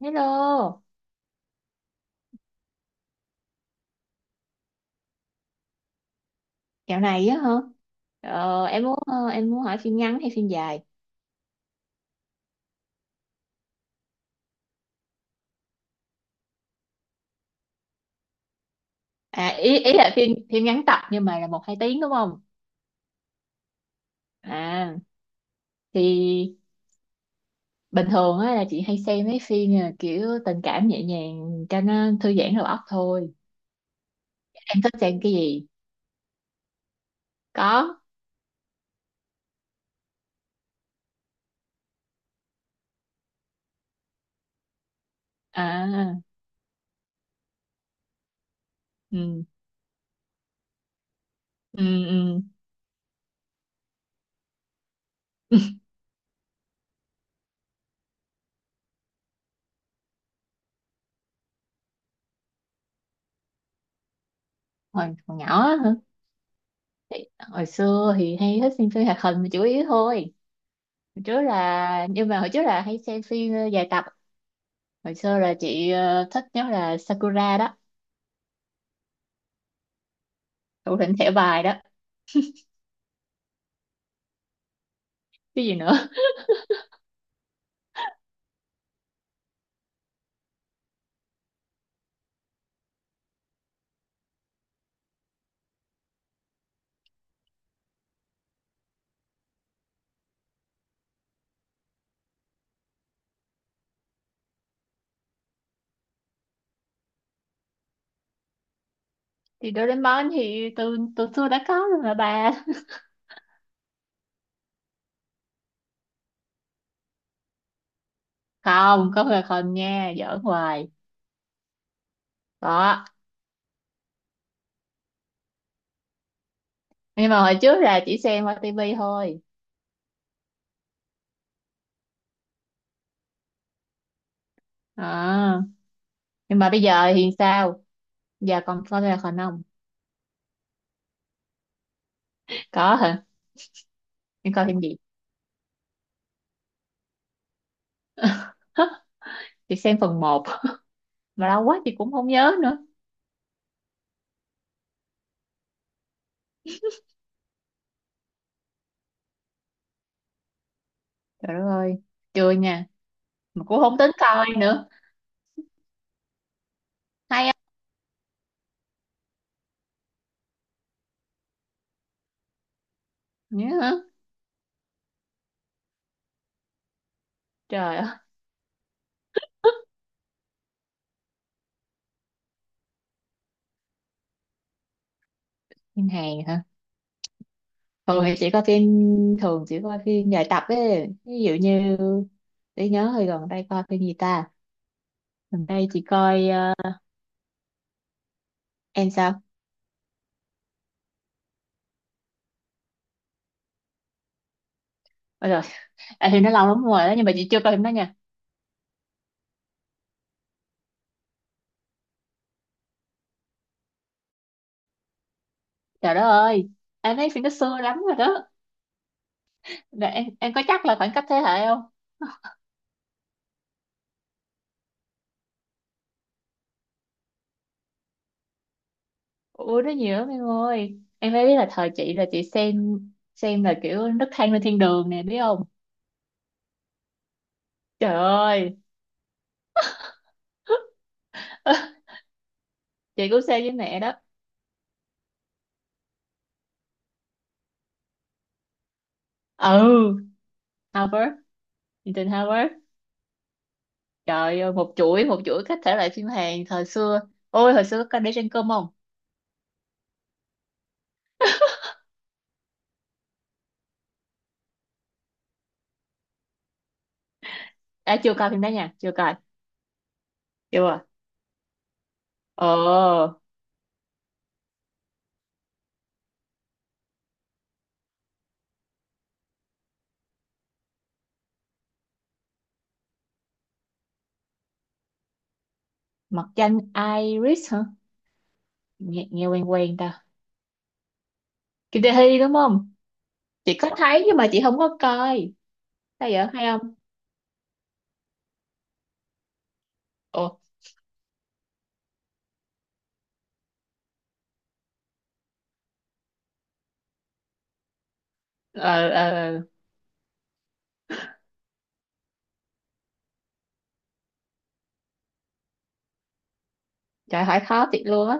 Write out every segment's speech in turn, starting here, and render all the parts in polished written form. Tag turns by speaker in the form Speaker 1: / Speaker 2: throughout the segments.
Speaker 1: Hello, dạo này á hả? Em muốn hỏi phim ngắn hay phim dài? À ý ý là phim phim ngắn tập nhưng mà là một hai tiếng đúng không? À thì bình thường á là chị hay xem mấy phim kiểu tình cảm nhẹ nhàng cho nó thư giãn đầu óc thôi. Em thích xem cái gì? Có. À, ừ, ừ, ừ. Hồi nhỏ á hả? Hồi xưa thì hay thích xem phim hoạt hình là chủ yếu thôi. Hồi trước là nhưng mà hồi trước là hay xem phim dài tập. Hồi xưa là chị thích nhất là Sakura đó, thủ lĩnh thẻ bài đó. Cái gì nữa thì Doraemon thì từ từ xưa đã có rồi mà bà. Không có là không nha, giỡn hoài đó. Nhưng mà hồi trước là chỉ xem qua tivi thôi. À, nhưng mà bây giờ thì sao, giờ còn coi là không? Không, có hả, nhưng coi phim gì? Chị xem phần một mà lâu quá chị cũng không nhớ nữa. Trời đất ơi, chưa nha, mà cũng không tính coi nữa. Hay không nhớ hả? Trời ơi. Phim Hàn hả? Thường thì chỉ coi phim, thường chỉ coi phim dài tập ấy, ví dụ như, để nhớ hồi gần đây coi phim gì ta. Gần đây chị coi em sao? Ôi rồi, à, thì nó lâu lắm rồi đó nhưng mà chị chưa coi phim đó nha. Trời đất ơi, em thấy phim nó xưa lắm rồi đó. Là em có chắc là khoảng cách thế hệ không? Ủa nó nhiều lắm em ơi, em phải biết là thời chị là chị xem là kiểu Nấc Thang Lên Thiên Đường nè biết không? Trời ơi. Chị cũng xem với mẹ đó. Ừ. Harvard. Ethan Harvard. Trời ơi, một chuỗi các thể loại phim Hàn thời xưa. Ôi, hồi xưa có coi Để Trên Cơm không? À, chưa coi phim đó nha, chưa coi. Chưa. À, ờ, mặt danh Iris hả? Nghe, nghe quen quen ta. Kim Tae Hee đúng không? Chị có thấy nhưng mà chị không có coi. Sao vậy, hay không? Ồ, ờ, ờ. Trời hỏi khó thiệt luôn á.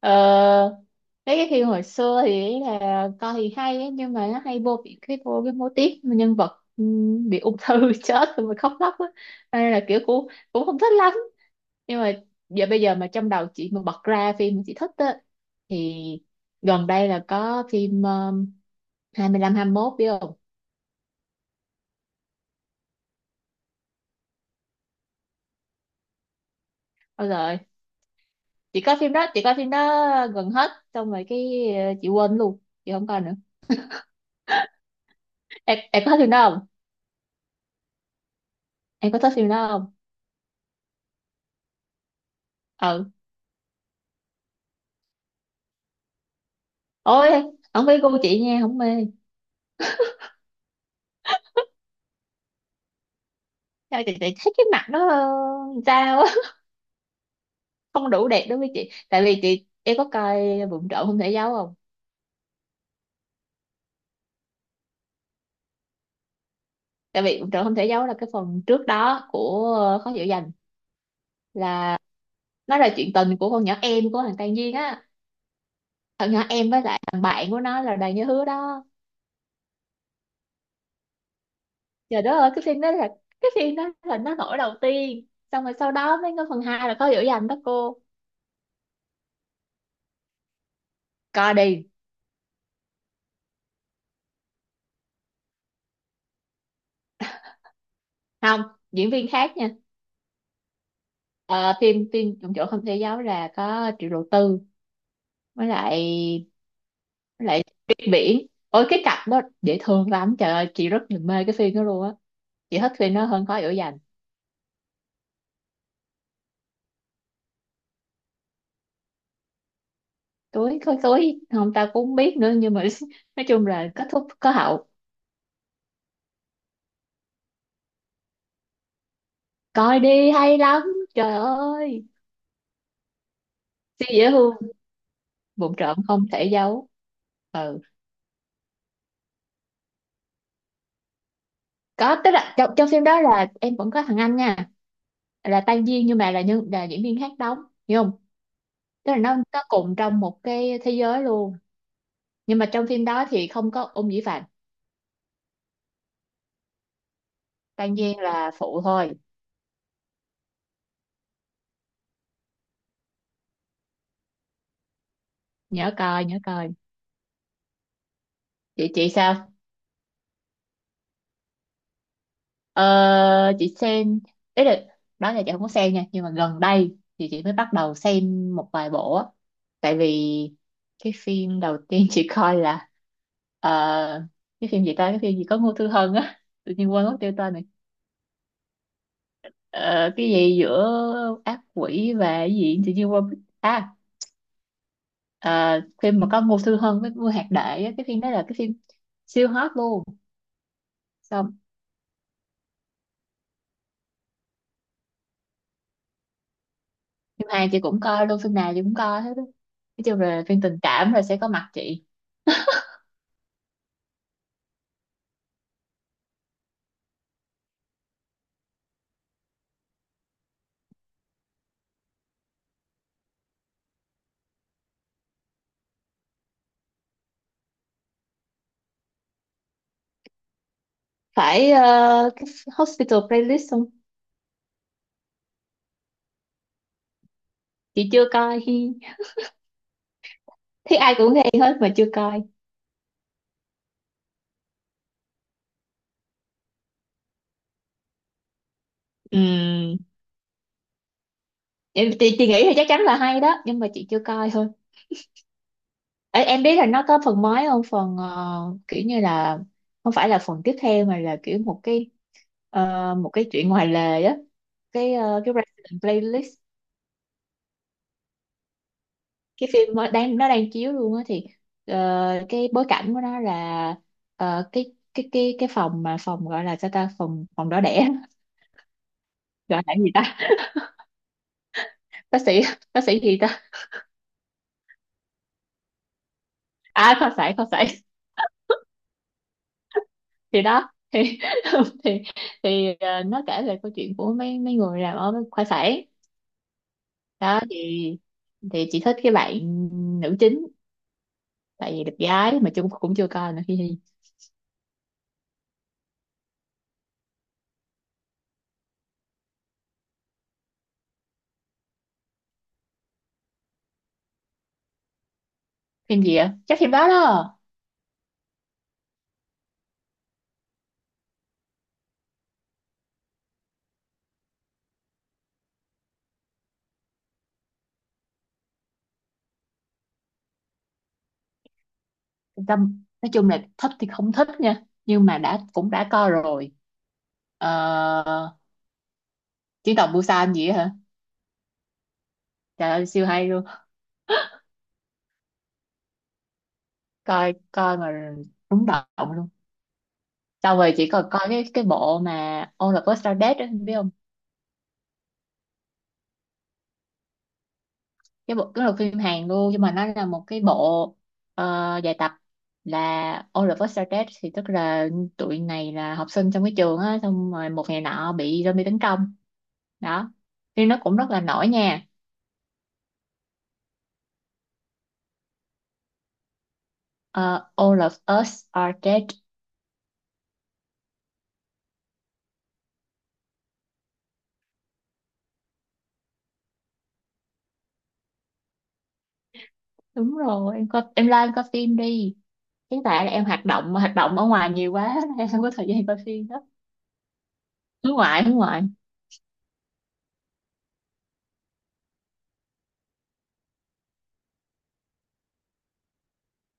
Speaker 1: ờ, Mấy cái phim hồi xưa thì ý là coi thì hay á, nhưng mà nó hay vô bị cái vô cái mô típ mà nhân vật bị ung thư chết rồi mà khóc lóc á. Cho nên là kiểu cũng, cũng không thích lắm, nhưng mà giờ bây giờ mà trong đầu chị mà bật ra phim mà chị thích á, thì gần đây là có phim 25 mốt biết không? Ôi rồi, chị coi phim đó, chị coi phim đó gần hết, xong rồi cái chị quên luôn, chị không coi nữa. Em có thích phim đó, em có thích phim đó không? Ừ. Ôi, không phải gu chị nha, không mê. Chị thấy cái mặt nó sao á, không đủ đẹp đối với chị. Tại vì chị, em có coi Vụng Trộm Không Thể Giấu không? Tại vì Vụng Trộm Không Thể Giấu là cái phần trước đó của Khó Dỗ Dành, là nó là chuyện tình của con nhỏ em của thằng Tan Duyên á. Thằng nhỏ em với lại thằng bạn của nó là Đoàn Như Hứa đó. Trời đất ơi, cái phim đó là, cái phim đó là nó nổi đầu tiên. Xong rồi sau đó mới có phần 2 là Khó Dỗ Dành đó cô. Coi đi. Không, diễn viên khác nha. Ờ, phim phim trong chỗ không thể giáo là có Triệu Đầu Tư với lại, với lại Tuyết Biển, ôi cái cặp đó dễ thương lắm, trời ơi chị rất là mê cái phim đó luôn á. Chị thích phim nó hơn Khói Lửa Dành. Tối khói tối không ta cũng không biết nữa nhưng mà nói chung là kết thúc có hậu. Coi đi hay lắm, trời ơi siêu dễ thương. Vụng trộm không thể giấu. Ừ. Có, tức là trong phim đó là em vẫn có thằng anh nha, là Tan Duyên nhưng mà là nhân là diễn viên khác đóng, hiểu không? Tức là nó cùng trong một cái thế giới luôn, nhưng mà trong phim đó thì không có Ung Dĩ Phạm. Tan Giang là phụ thôi. Nhớ coi, nhớ coi. Chị sao? Ờ, chị xem, đấy là, đó là chị không có xem nha nhưng mà gần đây thì chị mới bắt đầu xem một vài bộ á. Tại vì cái phim đầu tiên chị coi là ờ, cái phim gì ta, cái phim gì có Ngô Thư Hân á, tự nhiên quên mất tiêu tên này. Ờ, cái gì giữa ác quỷ và cái gì, tự nhiên quên mất. À, ờ, phim mà có Ngô Thư Hân với Vua Hạc Đệ á, cái phim đó là cái phim siêu hot luôn. Xong, phim Hàn chị cũng coi luôn, phim nào chị cũng coi hết á. Nói chung là phim tình cảm là sẽ có mặt chị. Phải, cái Hospital Playlist không? Chị chưa coi. Hi, thấy ai cũng nghe hết mà chưa coi. Ừm, em chị nghĩ thì chắc chắn là hay đó nhưng mà chị chưa coi thôi. Ê, em biết là nó có phần mới không, phần kiểu như là không phải là phần tiếp theo mà là kiểu một cái một cái chuyện ngoài lề á. Cái cái Resident Playlist, cái phim nó đang, nó đang chiếu luôn á, thì ờ, cái bối cảnh của nó là cái cái phòng, mà phòng gọi là sao ta, phòng phòng đỏ đẻ gọi là gì ta, bác sĩ bác sĩ gì ta, à khoa sản, khoa sản. Thì đó thì thì thì nó kể về câu chuyện của mấy, mấy người làm ở khoa sản đó. Thì chị thích cái bạn nữ chính, tại vì đẹp gái mà chung cũng chưa coi nữa phim. Phim gì ạ, chắc phim đó đó. Tâm, nói chung là thích thì không thích nha nhưng mà đã, cũng đã coi rồi. Ờ, Chiến Tàu Busan gì á hả. Trời ơi siêu hay luôn, coi coi mà, rúng động luôn. Sau rồi chỉ còn coi cái bộ mà All of Us Are Dead á biết không? Cái bộ, cái là phim Hàn luôn nhưng mà nó là một cái bộ dài tập, là All of Us Are Dead, thì tức là tụi này là học sinh trong cái trường á, xong rồi một ngày nọ bị zombie tấn công đó. Phim nó cũng rất là nổi nha. Ờ, All of Us Are Dead. Đúng rồi, em coi, em like, em coi phim đi. Hiện tại là em hoạt động ở ngoài nhiều quá em không có thời gian coi phim đó. Hướng ngoại.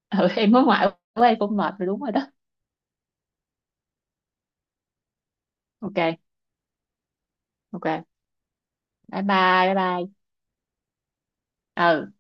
Speaker 1: Ừ, em hướng ngoại quá em cũng mệt rồi, đúng rồi đó. Ok, ok, bye bye, bye bye. Ừ.